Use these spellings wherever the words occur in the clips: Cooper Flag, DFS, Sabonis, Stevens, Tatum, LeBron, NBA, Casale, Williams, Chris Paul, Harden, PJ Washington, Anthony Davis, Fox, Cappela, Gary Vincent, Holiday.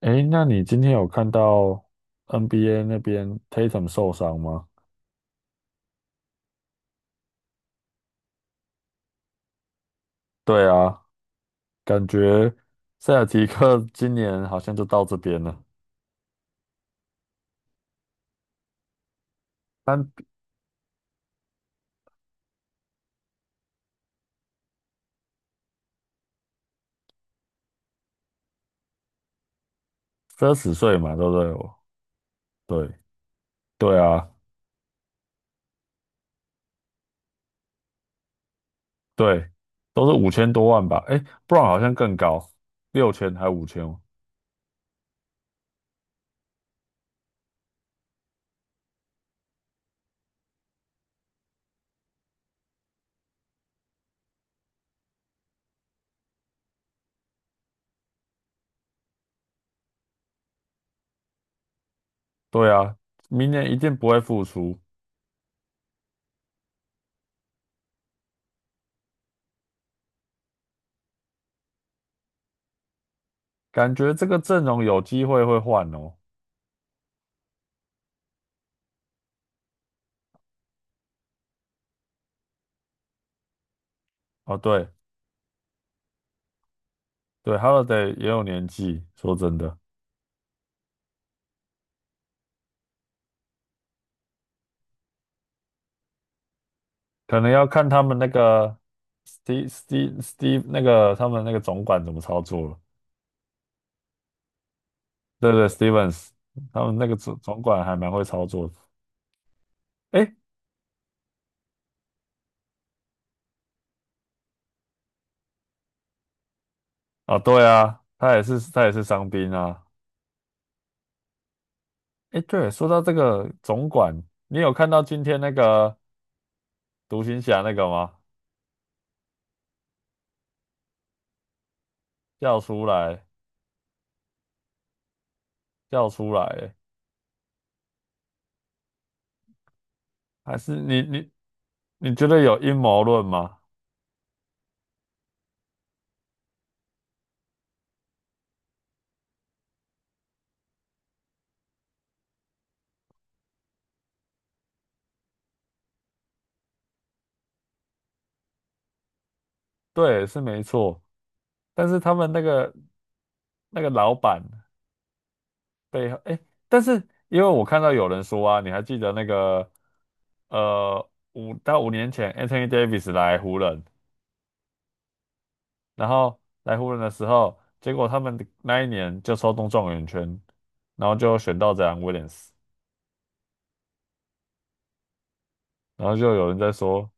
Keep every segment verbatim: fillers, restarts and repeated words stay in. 诶，那你今天有看到 N B A 那边 Tatum 受伤吗？对啊，感觉塞尔提克 今年好像就到这边了，三三十岁嘛，对不对？我对对啊，对，都是五千多万吧？诶 b r o w 好像更高，六千还五千哦？对啊，明年一定不会复出，感觉这个阵容有机会会换哦。哦，对对，Holiday 也有年纪，说真的。可能要看他们那个 Steve Steve Steve 那个他们那个总管怎么操作了。对对，Stevens 他们那个总总管还蛮会操作的。诶，啊，对啊，他也是他也是伤兵啊。诶，对，说到这个总管，你有看到今天那个独行侠那个吗？叫出来，叫出来欸，还是你你你觉得有阴谋论吗？对，是没错，但是他们那个那个老板。背后，哎，但是因为我看到有人说啊，你还记得那个呃五到五年前 Anthony Davis 来湖人，然后来湖人的时候，结果他们那一年就抽中状元签，然后就选到这样 Williams，然后就有人在说，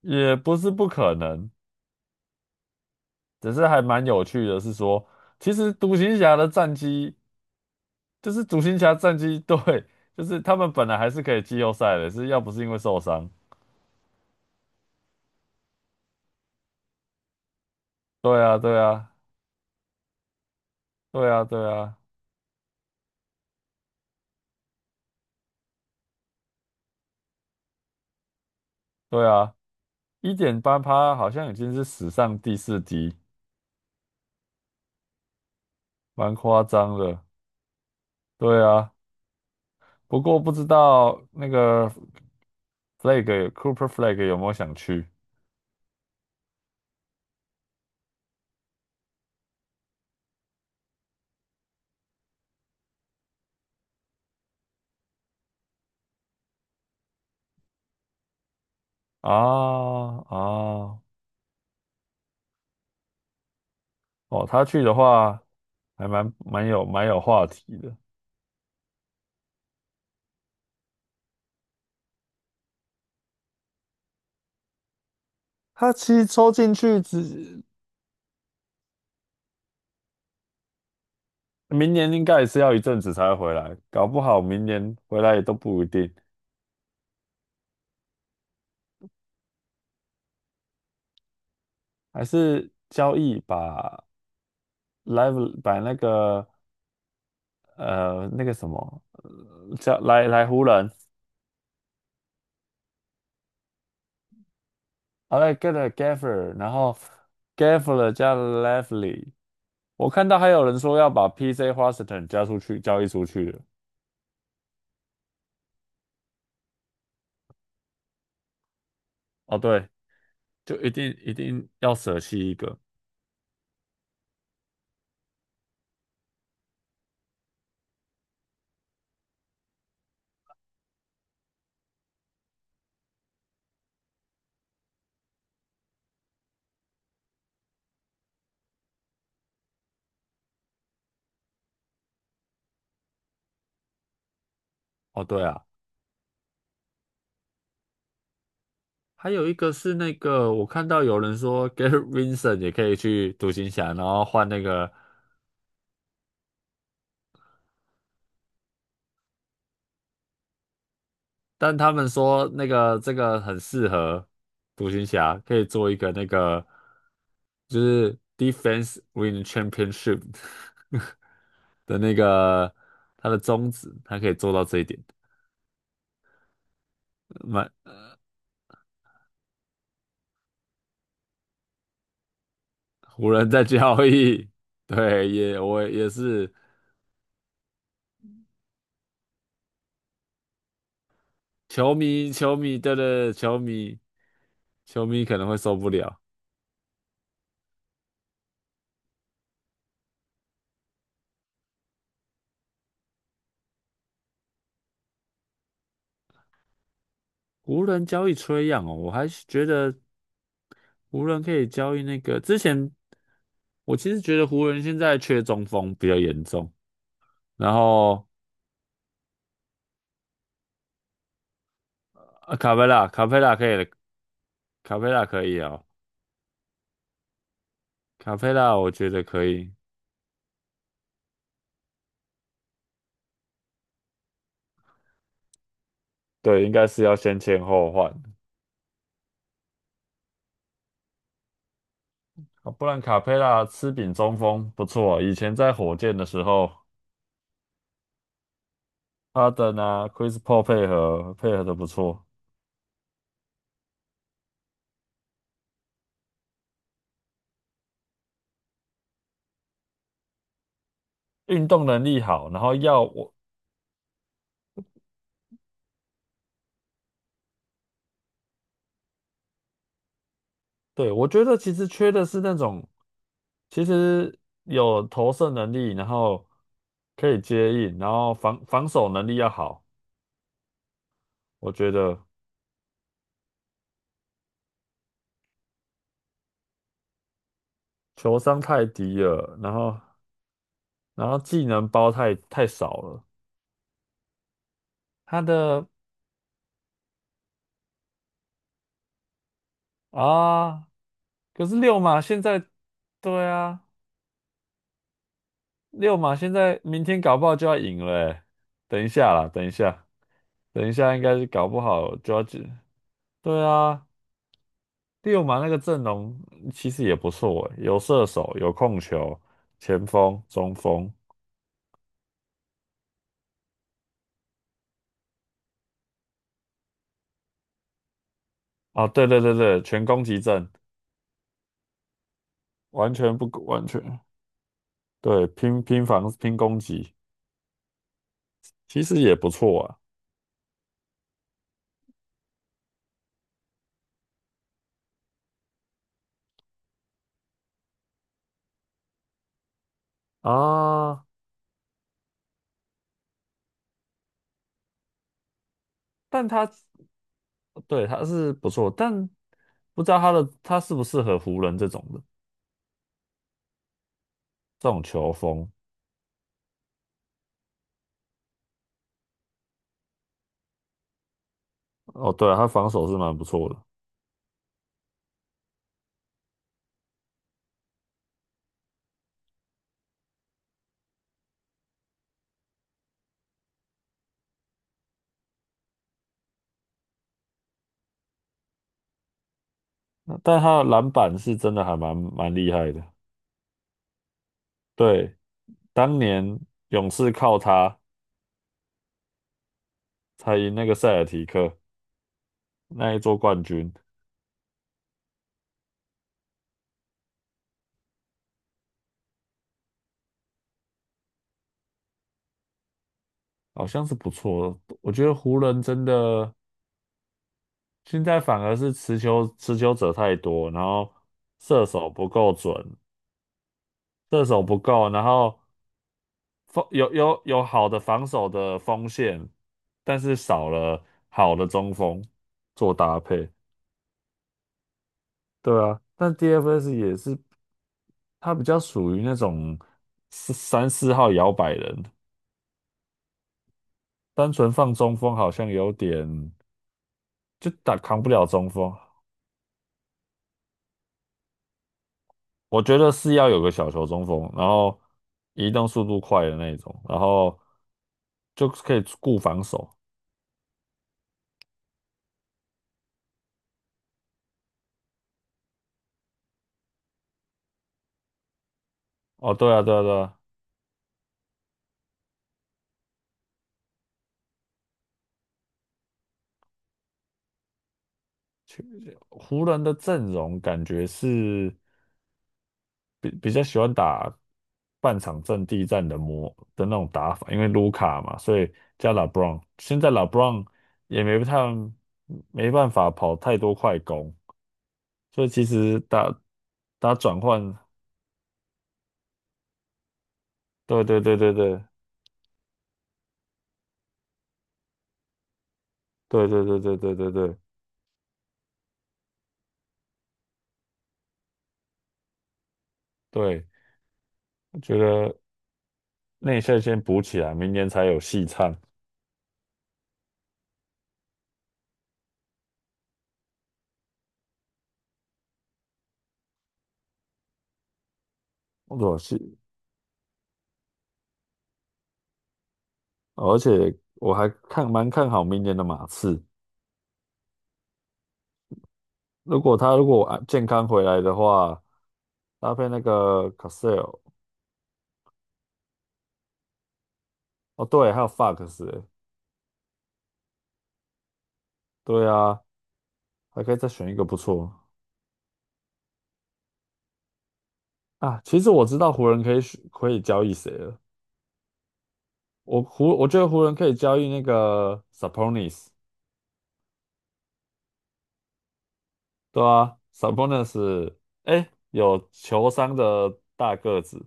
也不是不可能，只是还蛮有趣的是说，其实独行侠的战绩就是独行侠战绩 对，就是他们本来还是可以季后赛的，是要不是因为受伤，对啊，对啊，对啊，对啊。对啊，一点八趴好像已经是史上第四低，蛮夸张的。对啊，不过不知道那个 Flag 有 Cooper Flag 有没有想去啊啊哦，他去的话还蛮蛮有蛮有话题的。他其实抽进去只明年应该也是要一阵子才会回来，搞不好明年回来也都不一定。还是交易把 Live 把那个呃，那个什么，呃叫来来湖人，啊，来 get a Gaffer，然后 Gaffer 加 Lively，我看到还有人说要把 P J Washington 加出去交易出去了。哦，对，就一定一定要舍弃一个。哦，对啊，还有一个是那个，我看到有人说 Gary Vincent 也可以去独行侠，然后换那个但他们说那个这个很适合独行侠，可以做一个那个就是 defense win championship 的那个他的宗旨，他可以做到这一点。买湖人在交易，对，也我也是球迷，球迷，对对对球迷，球迷可能会受不了。湖人交易吹样哦，我还是觉得湖人可以交易那个之前，我其实觉得湖人现在缺中锋比较严重。然后呃卡佩拉，卡佩拉可以，的，卡佩拉可以哦，卡佩拉我觉得可以。对，应该是要先签后换，啊不然卡佩拉吃饼中锋不错啊。以前在火箭的时候，哈登啊，Chris Paul 配合配合的不错，运动能力好，然后要我，对，我觉得其实缺的是那种，其实有投射能力，然后可以接应，然后防防守能力要好。我觉得球商太低了，然后然后技能包太太少了，他的啊，可是六马现在，对啊，六马现在明天搞不好就要赢了欸等一下啦，等一下，等一下应该是搞不好就要进，对啊，六马那个阵容其实也不错欸，有射手，有控球，前锋、中锋，啊，对对对对，全攻击阵，完全不完全，对，拼拼防拼攻击，其实也不错啊。啊，但他对他是不错，但不知道他的他适不适合湖人这种的这种球风。哦，对啊他防守是蛮不错的，那但他的篮板是真的还蛮蛮厉害的。对，当年勇士靠他才赢那个塞尔提克那一座冠军，好像是不错。的。我觉得湖人真的现在反而是持球持球者太多，然后射手不够准，射手不够，然后。锋有有有好的防守的锋线，但是少了好的中锋做搭配。对啊，但 D F S 也是，他比较属于那种四三四号摇摆人，单纯放中锋好像有点就打扛不了中锋。我觉得是要有个小球中锋，然后移动速度快的那种，然后就可以顾防守。哦，对啊，对啊，对啊，其湖人的阵容感觉是。比比较喜欢打半场阵地战的模的那种打法，因为卢卡嘛，所以加 LeBron。现在 LeBron 也没太没办法跑太多快攻，所以其实打打转换，对对对对对对对对对对对对对，我觉得内线先补起来，明年才有戏唱。我是，而且我还看蛮看好明年的马刺。如果他如果啊健康回来的话，搭配那个 Casale，哦对，还有 Fox，欸对啊，还可以再选一个不错啊。其实我知道湖人可以选可以交易谁了，我湖我觉得湖人可以交易那个 Sabonis，对啊，Sabonis，哎，有球商的大个子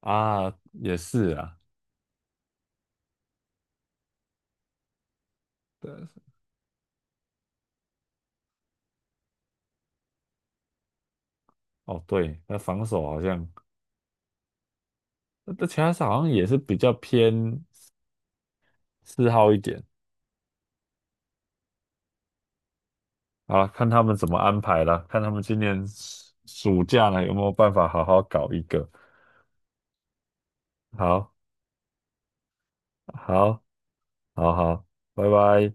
啊，也是啊，对，哦对，那防守好像，那其他好像也是比较偏四号一点。好了，看他们怎么安排了，看他们今年暑暑假呢有没有办法好好搞一个。好，好，好好，拜拜。